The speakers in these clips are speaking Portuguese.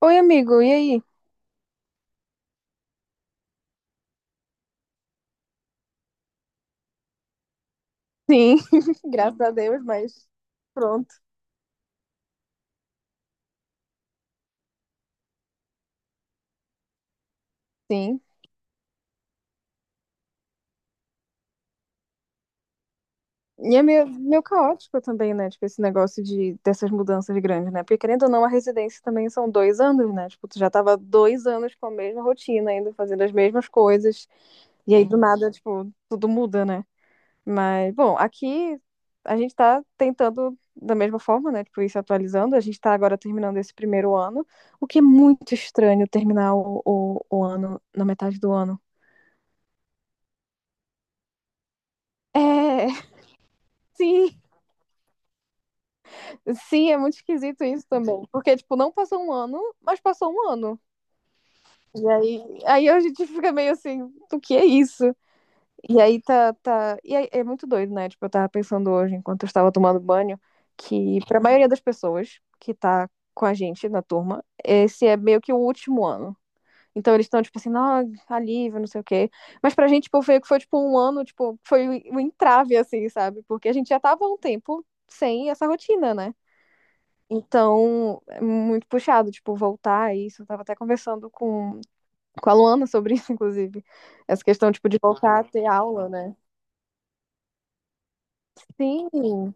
Oi, amigo, e aí? Sim, graças a Deus, mas pronto, sim. E é meio caótico também, né? Tipo, esse negócio dessas mudanças grandes, né? Porque querendo ou não, a residência também são dois anos, né? Tipo, tu já tava dois anos com a mesma rotina, ainda fazendo as mesmas coisas. E aí, do nada, tipo, tudo muda, né? Mas, bom, aqui a gente tá tentando da mesma forma, né? Tipo, ir se atualizando. A gente tá agora terminando esse primeiro ano, o que é muito estranho terminar o ano na metade do ano. É, sim, sim. É muito esquisito isso também. Porque, tipo, não passou um ano, mas passou um ano. E aí a gente fica meio assim, o que é isso? E aí tá, tá. E aí, é muito doido, né? Tipo, eu tava pensando hoje, enquanto eu estava tomando banho, que pra maioria das pessoas que tá com a gente na turma, esse é meio que o último ano. Então eles estão, tipo assim, ah, alívio, não sei o quê. Mas pra gente, tipo, foi tipo um ano, tipo, foi um entrave, assim, sabe? Porque a gente já tava há um tempo sem essa rotina, né? Então, é muito puxado, tipo, voltar a isso. Eu tava até conversando com a Luana sobre isso, inclusive. Essa questão, tipo, de voltar a ter aula, né? Sim.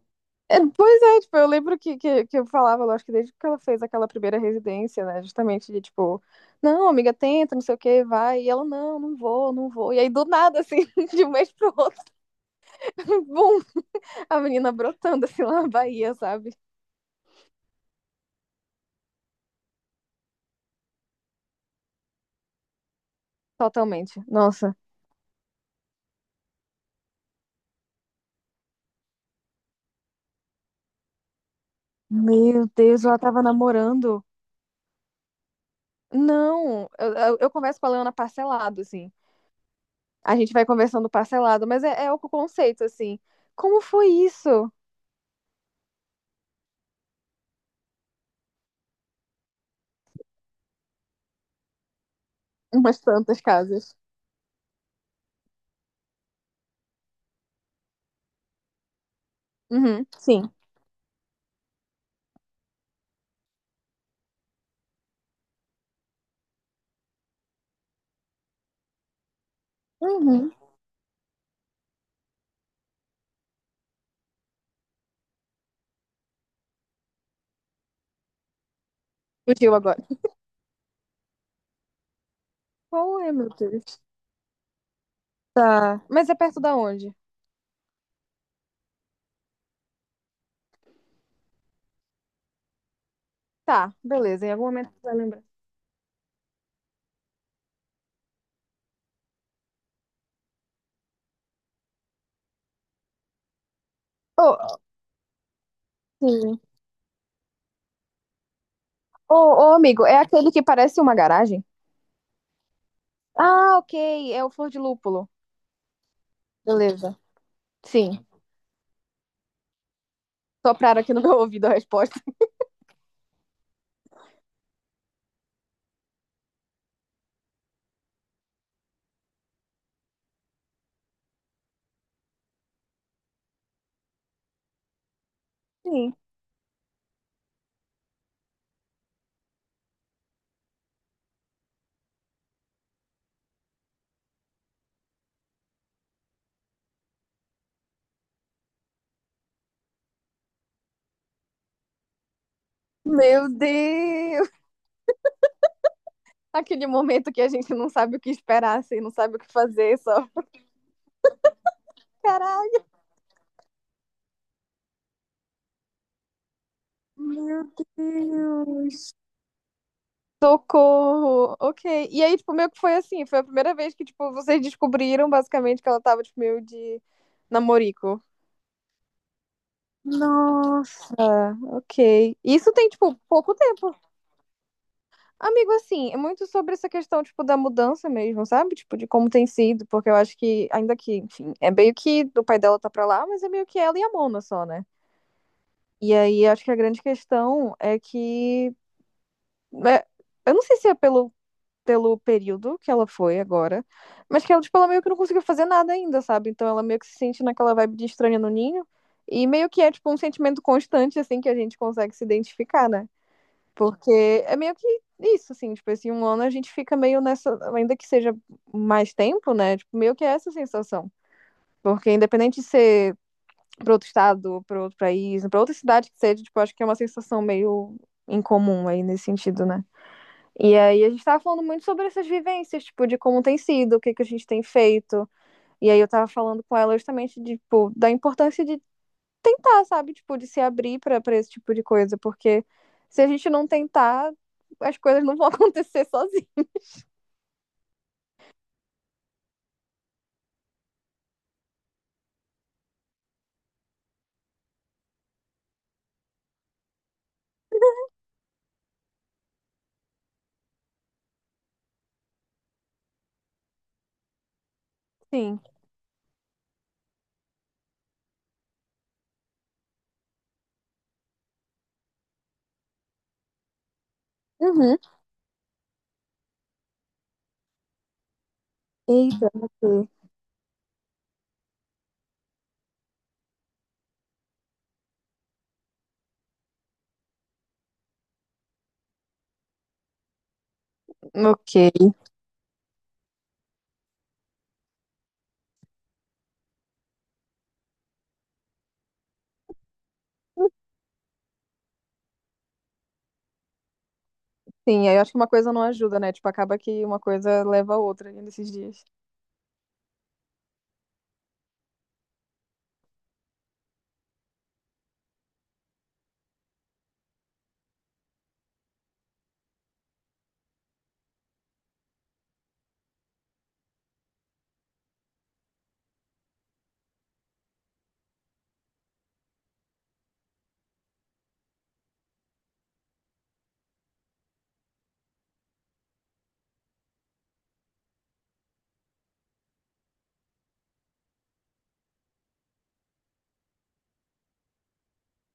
É, pois é, tipo, eu lembro que eu falava, eu acho que desde que ela fez aquela primeira residência, né? Justamente de, tipo, não, amiga, tenta, não sei o que, vai. E ela, não, não vou. E aí, do nada, assim, de um mês pro outro, bum, a menina brotando, assim, lá na Bahia, sabe? Totalmente. Nossa. Meu Deus, ela tava namorando. Não, eu converso com a Leona parcelado, assim. A gente vai conversando parcelado, mas é o conceito, assim. Como foi isso? Umas tantas casas. Uhum, sim. Uhum. Fugiu agora. Qual é, meu Deus? Tá. Mas é perto da onde? Tá, beleza. Em algum momento você vai lembrar. Ô, sim. Ô, ô, amigo, é aquele que parece uma garagem? Ah, ok. É o Flor de Lúpulo. Beleza. Sim. Sopraram aqui no meu ouvido a resposta. Sim. Meu Deus! Aquele momento que a gente não sabe o que esperar, assim, não sabe o que fazer, só. Caralho, meu Deus. Socorro. Ok. E aí, tipo, meio que foi assim, foi a primeira vez que, tipo, vocês descobriram basicamente que ela tava, tipo, meio de namorico. Nossa, ok. Isso tem, tipo, pouco tempo. Amigo, assim, é muito sobre essa questão, tipo, da mudança mesmo, sabe? Tipo, de como tem sido, porque eu acho que, ainda que, enfim, é meio que o pai dela tá pra lá, mas é meio que ela e a Mona só, né? E aí acho que a grande questão é que. é, eu não sei se é pelo período que ela foi agora, mas que ela, tipo, ela meio que não conseguiu fazer nada ainda, sabe? Então ela meio que se sente naquela vibe de estranha no ninho. E meio que é, tipo, um sentimento constante, assim, que a gente consegue se identificar, né? Porque é meio que isso, assim, tipo, esse um ano a gente fica meio nessa, ainda que seja mais tempo, né? Tipo, meio que é essa sensação. Porque independente de ser para outro estado, para outro país, para outra cidade que seja, tipo, acho que é uma sensação meio incomum aí nesse sentido, né? E aí a gente tava falando muito sobre essas vivências, tipo, de como tem sido, o que que a gente tem feito. E aí eu tava falando com ela justamente de, tipo, da importância de tentar, sabe? Tipo, de se abrir para esse tipo de coisa, porque se a gente não tentar, as coisas não vão acontecer sozinhas. Sim. Uhum. Eita, ok. Ok. Sim, aí eu acho que uma coisa não ajuda, né? Tipo, acaba que uma coisa leva a outra nesses dias.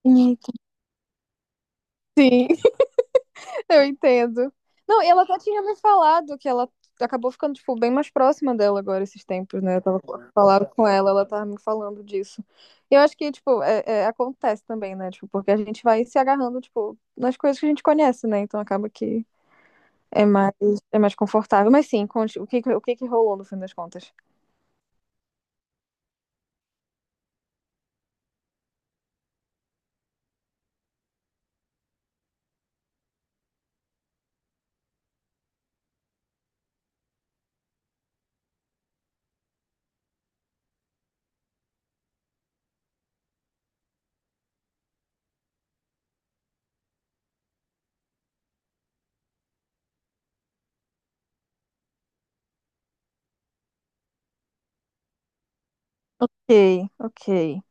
Hum, Sim, eu entendo. Não, e ela até tinha me falado que ela acabou ficando, tipo, bem mais próxima dela agora esses tempos, né? Eu tava falando com ela, ela tava me falando disso. E eu acho que, tipo, é, acontece também, né? Tipo, porque a gente vai se agarrando, tipo, nas coisas que a gente conhece, né? Então acaba que é mais, é mais confortável. Mas sim, conte, o que que rolou no fim das contas? Ok, ok.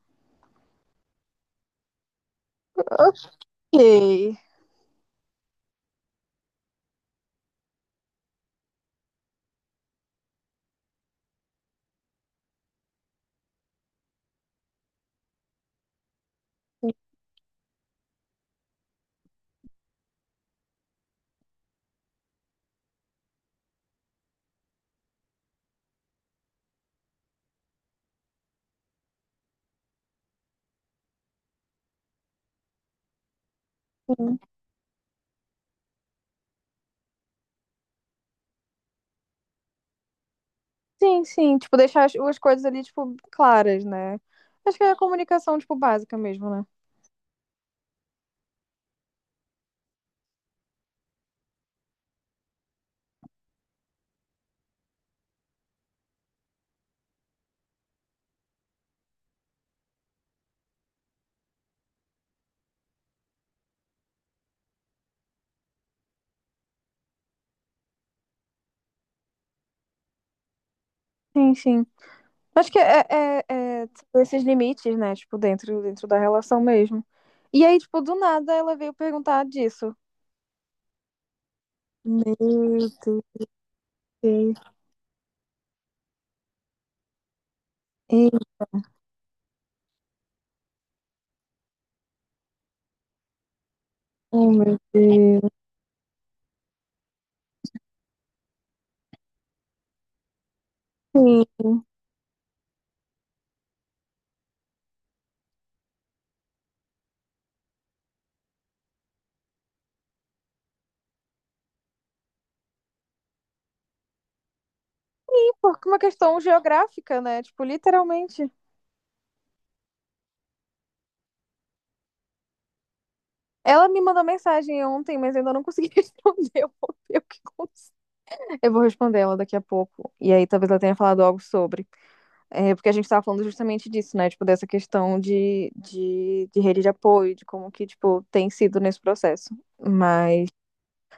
Ok. Uhum. Sim, sim, tipo, deixar as, as coisas ali, tipo, claras, né? Acho que é a comunicação, tipo, básica mesmo, né? Sim, sim. Acho que é, tipo, esses limites, né? Tipo, dentro da relação mesmo. E aí, tipo, do nada ela veio perguntar disso. Meu Deus. Ih, oh, meu Deus. Sim. E por uma questão geográfica, né? Tipo, literalmente. Ela me mandou mensagem ontem, mas eu ainda não consegui responder. Eu vou ver o que aconteceu. Eu vou responder ela daqui a pouco. E aí talvez ela tenha falado algo sobre. É, porque a gente estava falando justamente disso, né? Tipo, dessa questão de rede de apoio, de como que, tipo, tem sido nesse processo. Mas,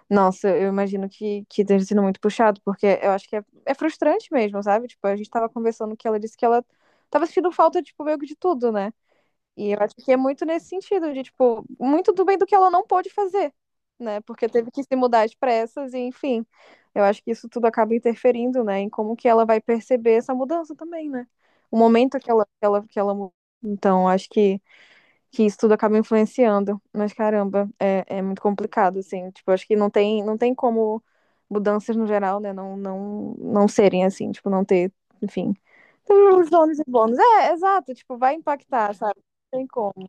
nossa, eu imagino que tenha sido muito puxado, porque eu acho que é frustrante mesmo, sabe? Tipo, a gente estava conversando que ela disse que ela tava sentindo falta, tipo, meio que de tudo, né? E eu acho que é muito nesse sentido, de, tipo, muito do bem do que ela não pôde fazer, né? Porque teve que se mudar às pressas, e enfim. Eu acho que isso tudo acaba interferindo, né? Em como que ela vai perceber essa mudança também, né? O momento que ela, que ela muda. Então, acho que isso tudo acaba influenciando. Mas, caramba, é muito complicado, assim. Tipo, acho que não tem como mudanças no geral, né? Não serem assim, tipo, não ter, enfim. Tem os ônus e bônus. É, exato, tipo, vai impactar, sabe? Não tem como.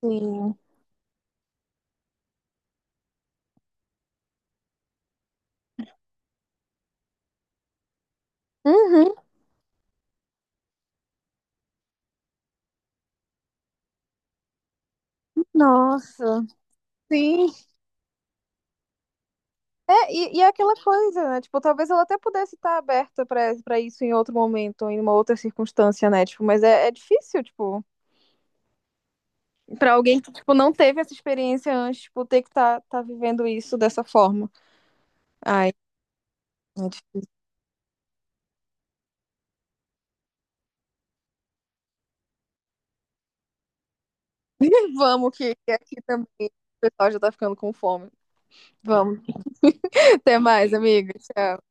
Sim. Uhum. Nossa. Sim. É, e é aquela coisa, né? Tipo, talvez ela até pudesse estar aberta pra para isso em outro momento, em uma outra circunstância, né? Tipo, mas é difícil, tipo, pra alguém que tipo não teve essa experiência antes, tipo, ter que tá vivendo isso dessa forma. Ai, é difícil. Vamos que aqui também o pessoal já tá ficando com fome. Vamos. Até mais, amiga. Tchau.